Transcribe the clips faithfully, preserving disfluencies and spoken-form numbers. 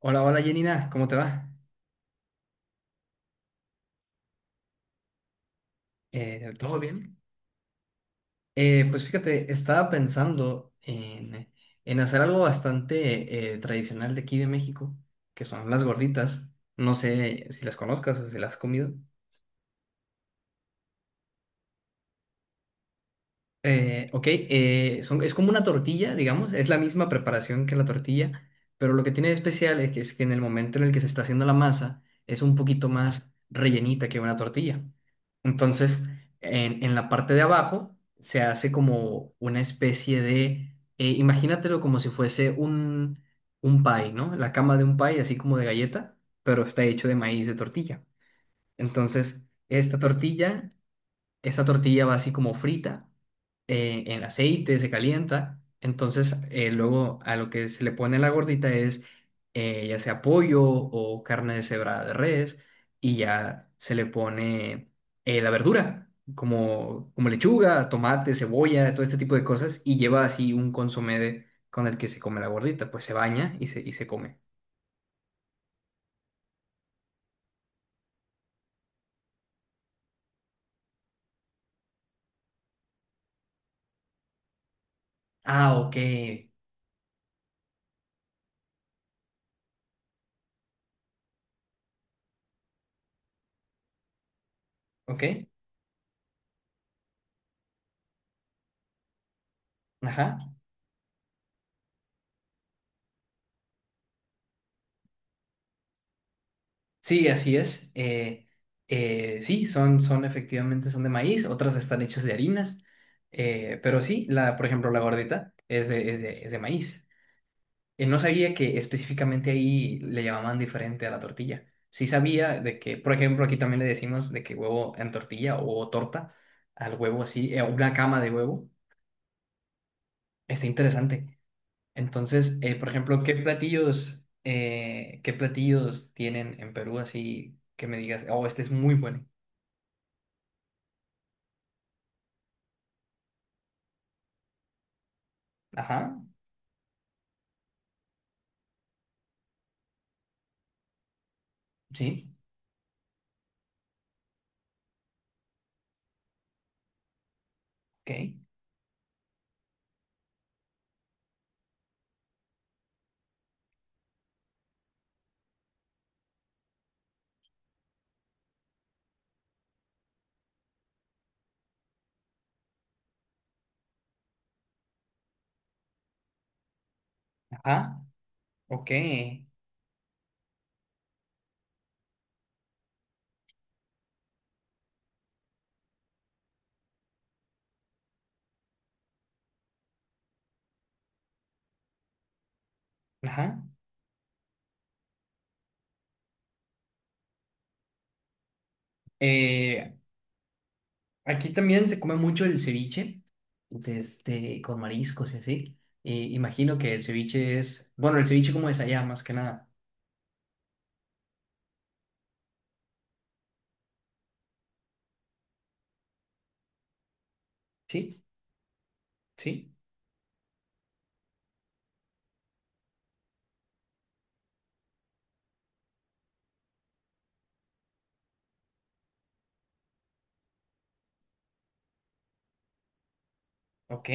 Hola, hola Janina, ¿cómo te va? Eh, ¿todo bien? Eh, pues fíjate, estaba pensando en, en hacer algo bastante eh, tradicional de aquí de México, que son las gorditas. No sé si las conozcas o si las has comido. Eh, ok, eh, son, es como una tortilla, digamos, es la misma preparación que la tortilla, pero lo que tiene de especial es que, es que en el momento en el que se está haciendo la masa es un poquito más rellenita que una tortilla. Entonces, en, en la parte de abajo se hace como una especie de, eh, imagínatelo como si fuese un, un pie, ¿no? La cama de un pie, así como de galleta, pero está hecho de maíz de tortilla. Entonces, esta tortilla esta tortilla va así como frita eh, en aceite, se calienta. Entonces, eh, luego a lo que se le pone la gordita es eh, ya sea pollo o carne deshebrada de res, y ya se le pone eh, la verdura, como, como lechuga, tomate, cebolla, todo este tipo de cosas, y lleva así un consomé de- con el que se come la gordita, pues se baña y se, y se come. Ah, ok, ok, ajá. Sí, así es. Eh, eh, sí, son, son efectivamente son de maíz, otras están hechas de harinas, eh, pero sí, la, por ejemplo, la gordita es de, es de, es de maíz. Eh, no sabía que específicamente ahí le llamaban diferente a la tortilla. Sí sabía de que, por ejemplo, aquí también le decimos de que huevo en tortilla o torta al huevo así, eh, una cama de huevo. Está interesante. Entonces, eh, por ejemplo, ¿qué platillos, eh, qué platillos tienen en Perú así que me digas, oh, este es muy bueno? Ajá, sí, ok, ajá, ok, ajá. Eh, Aquí también se come mucho el ceviche, de este, con mariscos y así. Y imagino que el ceviche es, bueno, el ceviche como es allá, más que nada. Sí, sí, ok,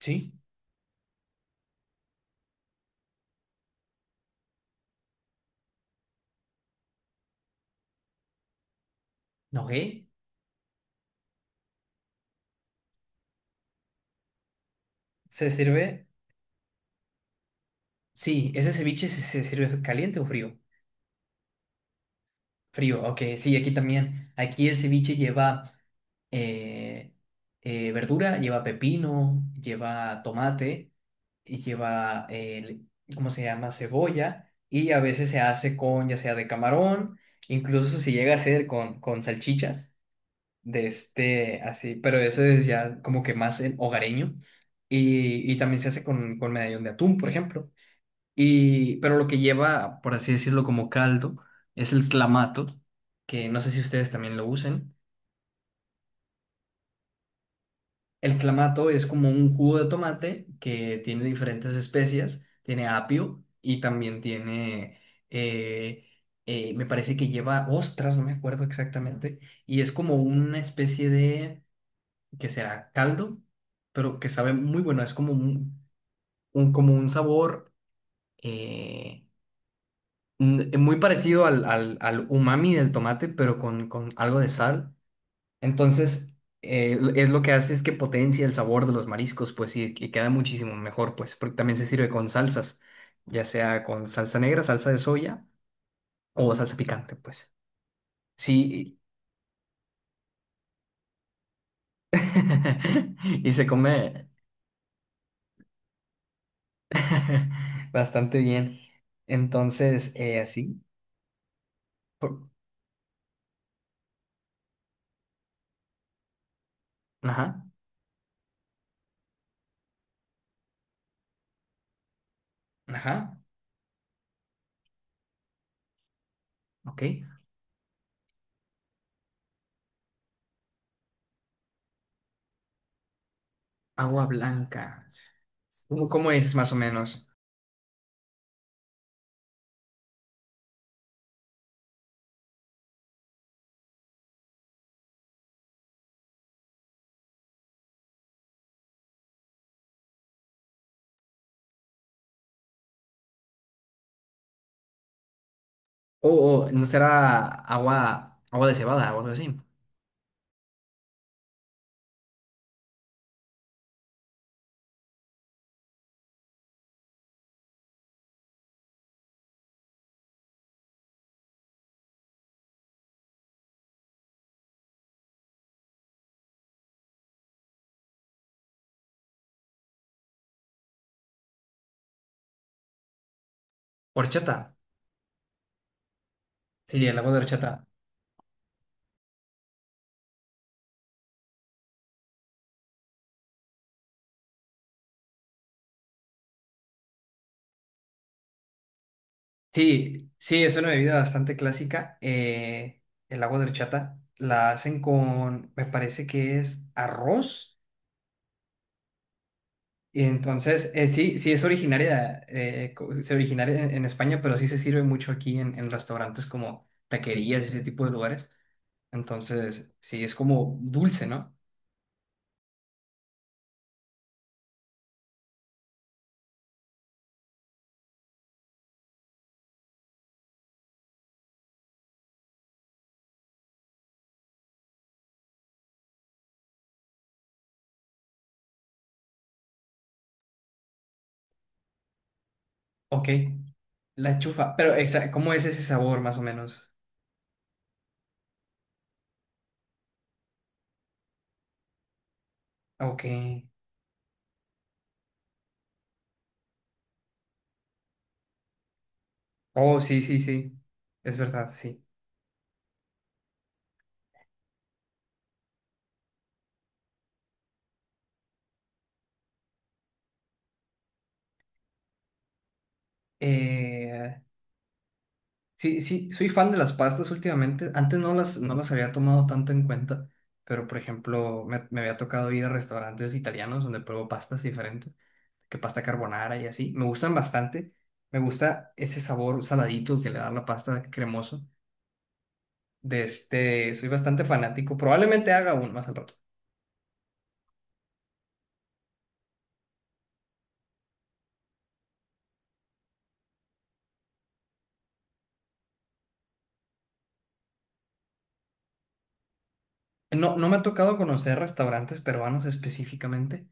sí, ok. ¿Se sirve? Sí, ¿ese ceviche se, se sirve caliente o frío? Frío, ok, sí, aquí también. Aquí el ceviche lleva eh, eh, verdura, lleva pepino, lleva tomate, y lleva, el, ¿cómo se llama? Cebolla, y a veces se hace con, ya sea de camarón, incluso se llega a hacer con, con salchichas, de este, así, pero eso es ya como que más en hogareño, y, y también se hace con, con medallón de atún, por ejemplo. Y, pero lo que lleva, por así decirlo, como caldo es el clamato, que no sé si ustedes también lo usen. El clamato es como un jugo de tomate que tiene diferentes especias, tiene apio y también tiene, eh, eh, me parece que lleva ostras, no me acuerdo exactamente, y es como una especie de, que será caldo, pero que sabe muy bueno, es como un, un- como un sabor. eh, mm, eh, Muy parecido al, al- al umami del tomate, pero con, con algo de sal. Entonces, eh, es lo que hace es que potencia el sabor de los mariscos, pues, y, y queda muchísimo mejor, pues, porque también se sirve con salsas, ya sea con salsa negra, salsa de soya o salsa picante, pues. Sí, y se come bastante bien. Entonces, eh, así, por- ajá, ajá, ok. Agua blanca. ¿Cómo, cómo es más o menos? O, o, no será agua, agua de cebada o algo así. Horchata. Sí, el agua de horchata. Sí, sí, es una bebida bastante clásica. Eh, el agua de horchata la hacen con, me parece que es arroz. Y entonces, eh, sí, sí es originaria, eh, co- es originaria en, en España, pero sí se sirve mucho aquí en, en restaurantes como taquerías, y ese tipo de lugares. Entonces, sí, es como dulce, ¿no? Ok, la chufa. Pero, exa- ¿cómo es ese sabor más o menos? Ok. Oh, sí, sí, sí. Es verdad, sí. Eh, sí, sí, soy fan de las pastas últimamente. Antes no las, no las había tomado tanto en cuenta, pero por ejemplo, me, me había tocado ir a restaurantes italianos donde pruebo pastas diferentes, que pasta carbonara y así. Me gustan bastante. Me gusta ese sabor saladito que le da la pasta cremoso. De este, soy bastante fanático. Probablemente haga aún más al rato. No, no me ha tocado conocer restaurantes peruanos específicamente,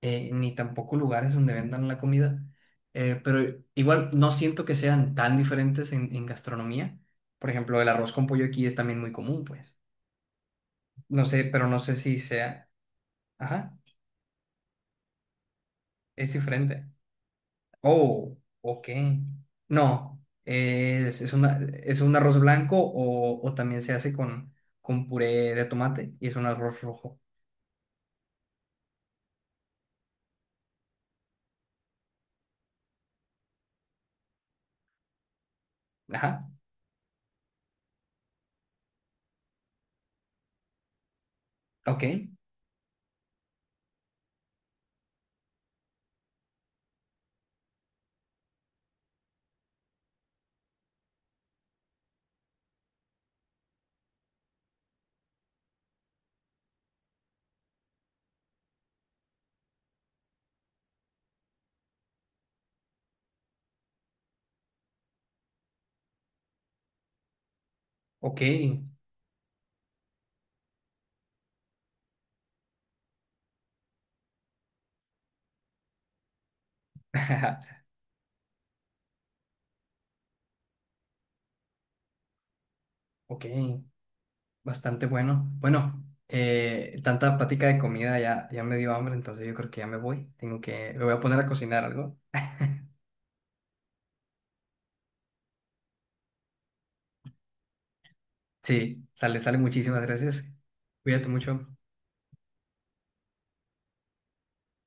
eh, ni tampoco lugares donde vendan la comida, eh, pero igual no siento que sean tan diferentes en, en gastronomía. Por ejemplo, el arroz con pollo aquí es también muy común, pues. No sé, pero no sé si sea... Ajá, es diferente. Oh, ok. No, eh, es, es una, es un arroz blanco o, o también se hace con, con puré de tomate y es un arroz rojo. Ajá, ok, ok. Ok, bastante bueno. Bueno, eh, tanta plática de comida ya, ya me dio hambre, entonces yo creo que ya me voy. Tengo que, me voy a poner a cocinar algo. Sí, sale, sale. Muchísimas gracias. Cuídate mucho.